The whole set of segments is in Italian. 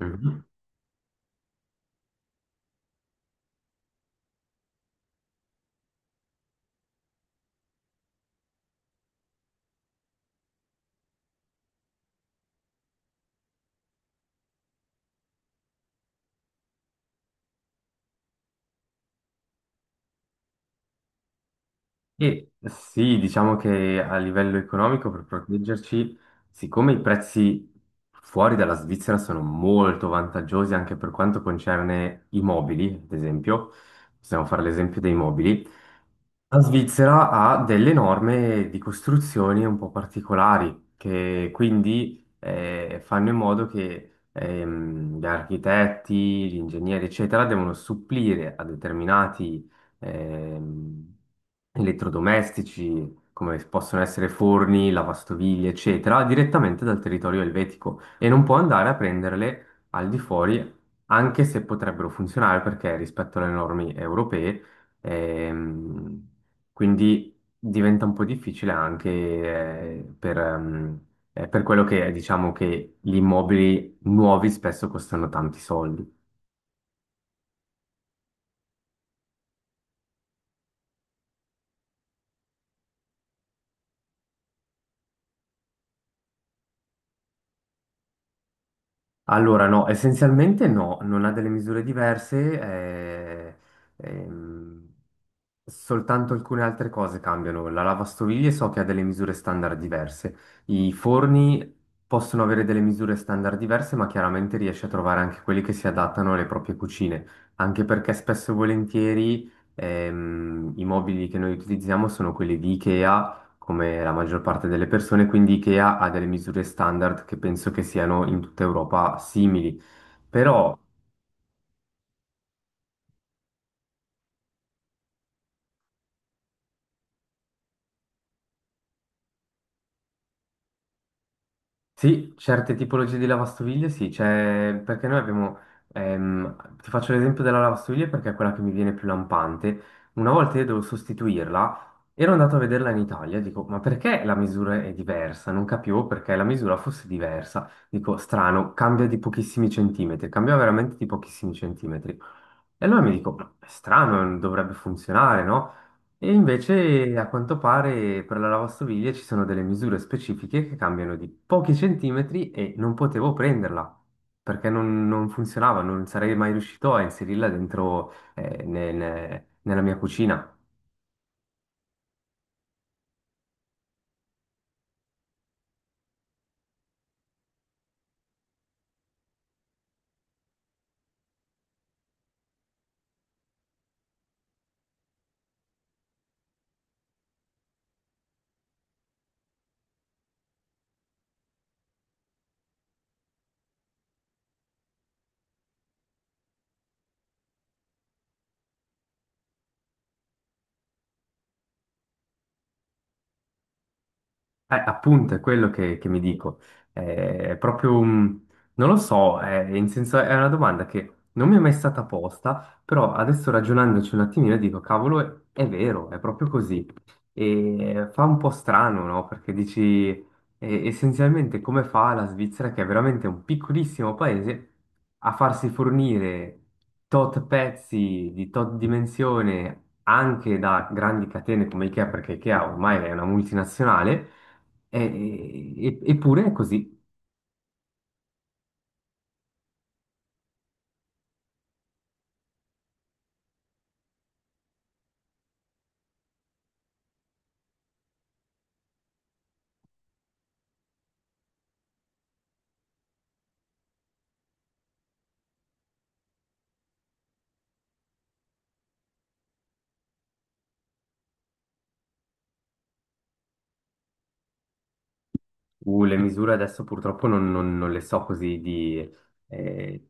Mhm. E sì, diciamo che a livello economico per proteggerci, siccome i prezzi fuori dalla Svizzera sono molto vantaggiosi anche per quanto concerne i mobili, ad esempio, possiamo fare l'esempio dei mobili. La Svizzera ha delle norme di costruzioni un po' particolari, che quindi fanno in modo che gli architetti, gli ingegneri, eccetera, devono supplire a determinati ehm, elettrodomestici, come possono essere forni, lavastoviglie, eccetera, direttamente dal territorio elvetico e non può andare a prenderle al di fuori, anche se potrebbero funzionare perché rispetto alle norme europee. Ehm, quindi diventa un po' difficile anche per quello che è, diciamo che gli immobili nuovi spesso costano tanti soldi. Allora, no, essenzialmente no, non ha delle misure diverse, ehm, soltanto alcune altre cose cambiano. La lavastoviglie so che ha delle misure standard diverse, i forni possono avere delle misure standard diverse, ma chiaramente riesci a trovare anche quelli che si adattano alle proprie cucine, anche perché spesso e volentieri i mobili che noi utilizziamo sono quelli di Ikea come la maggior parte delle persone, quindi IKEA ha delle misure standard che penso che siano in tutta Europa simili. Però sì, certe tipologie di lavastoviglie sì, c'è perché noi abbiamo, ti faccio l'esempio della lavastoviglie perché è quella che mi viene più lampante. Una volta io devo sostituirla, ero andato a vederla in Italia, dico, ma perché la misura è diversa? Non capivo perché la misura fosse diversa. Dico, strano, cambia di pochissimi centimetri, cambia veramente di pochissimi centimetri. E allora mi dico, ma è strano, non dovrebbe funzionare, no? E invece a quanto pare per la lavastoviglie ci sono delle misure specifiche che cambiano di pochi centimetri e non potevo prenderla perché non funzionava, non sarei mai riuscito a inserirla dentro nella mia cucina. Appunto, è quello che mi dico. È proprio, non lo so, è una domanda che non mi è mai stata posta, però adesso ragionandoci un attimino dico, cavolo, è vero, è proprio così. E fa un po' strano, no? Perché dici, essenzialmente come fa la Svizzera, che è veramente un piccolissimo paese, a farsi fornire tot pezzi di tot dimensione anche da grandi catene come IKEA, perché IKEA ormai è una multinazionale eppure è così. Le misure adesso purtroppo non le so così di. eh,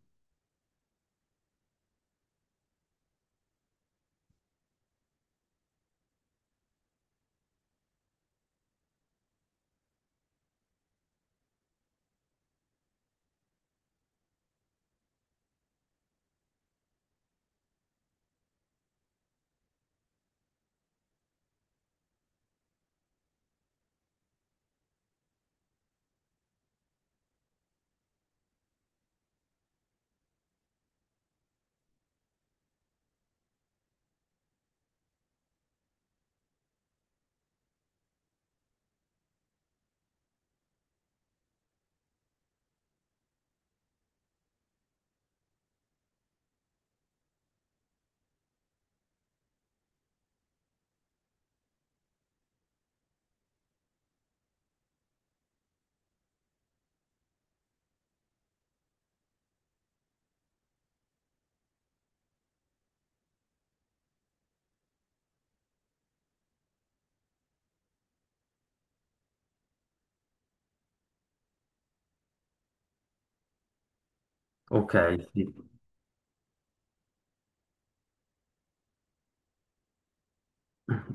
ok, sì.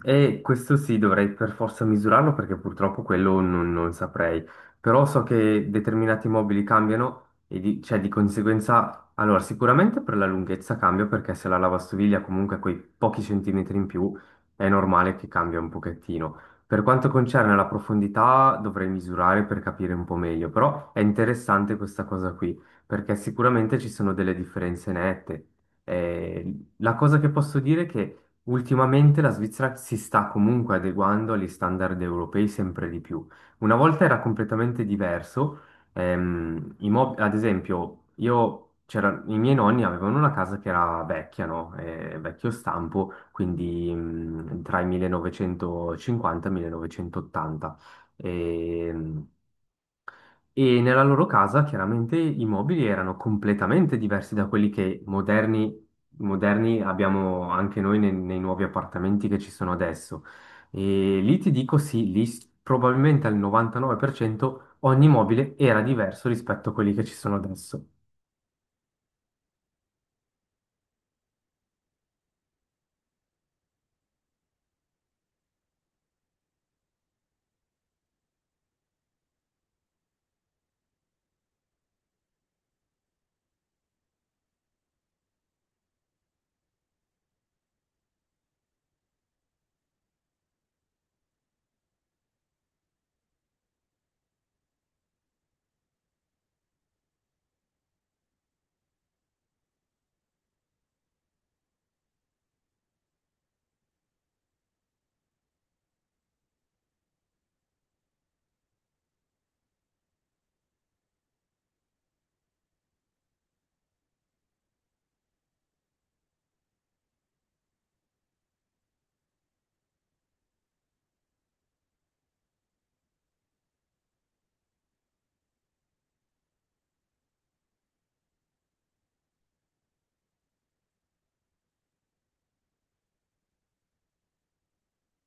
E questo sì, dovrei per forza misurarlo perché purtroppo quello non saprei. Però so che determinati mobili cambiano e cioè, di conseguenza, allora sicuramente per la lunghezza cambia perché se la lavastoviglie ha comunque quei pochi centimetri in più è normale che cambia un pochettino. Per quanto concerne la profondità dovrei misurare per capire un po' meglio, però è interessante questa cosa qui perché sicuramente ci sono delle differenze nette. La cosa che posso dire è che ultimamente la Svizzera si sta comunque adeguando agli standard europei sempre di più. Una volta era completamente diverso. Ad esempio, i miei nonni avevano una casa che era vecchia, no? Vecchio stampo, quindi tra i 1950 e i 1980. Ehm, e nella loro casa chiaramente i mobili erano completamente diversi da quelli che moderni, abbiamo anche noi nei nuovi appartamenti che ci sono adesso. E lì ti dico sì, probabilmente al 99% ogni mobile era diverso rispetto a quelli che ci sono adesso.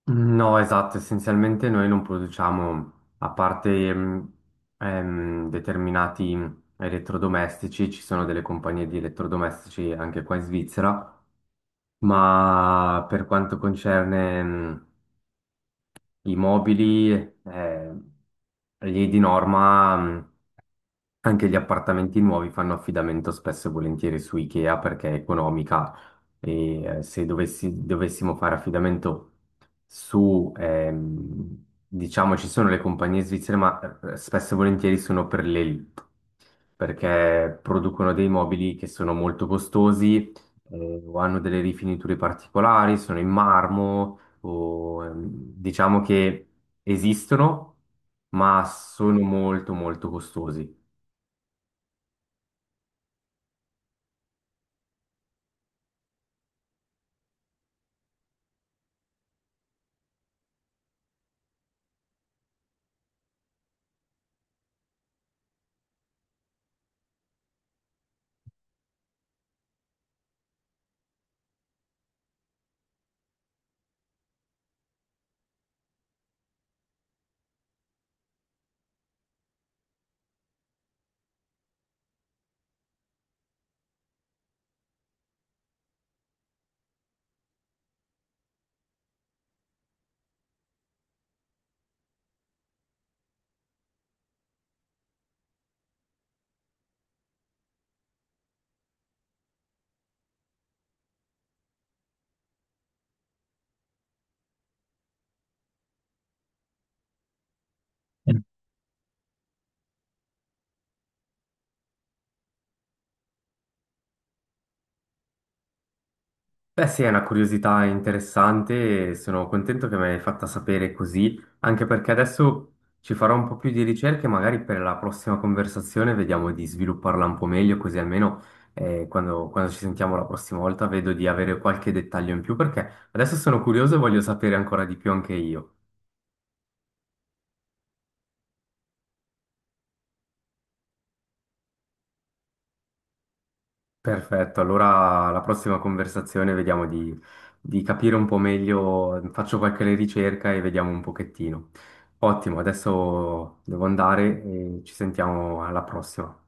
No, esatto, essenzialmente noi non produciamo, a parte determinati elettrodomestici, ci sono delle compagnie di elettrodomestici anche qua in Svizzera. Ma per quanto concerne i mobili, eh, lì di norma. Anche gli appartamenti nuovi fanno affidamento spesso e volentieri su IKEA perché è economica e se dovessimo fare affidamento diciamo, ci sono le compagnie svizzere, ma spesso e volentieri sono per l'elite perché producono dei mobili che sono molto costosi o hanno delle rifiniture particolari, sono in marmo o diciamo che esistono, ma sono molto molto costosi. Beh, sì, è una curiosità interessante e sono contento che me l'hai fatta sapere così, anche perché adesso ci farò un po' più di ricerche, magari per la prossima conversazione vediamo di svilupparla un po' meglio, così almeno quando ci sentiamo la prossima volta vedo di avere qualche dettaglio in più, perché adesso sono curioso e voglio sapere ancora di più anche io. Perfetto, allora la prossima conversazione vediamo di capire un po' meglio, faccio qualche ricerca e vediamo un pochettino. Ottimo, adesso devo andare e ci sentiamo alla prossima.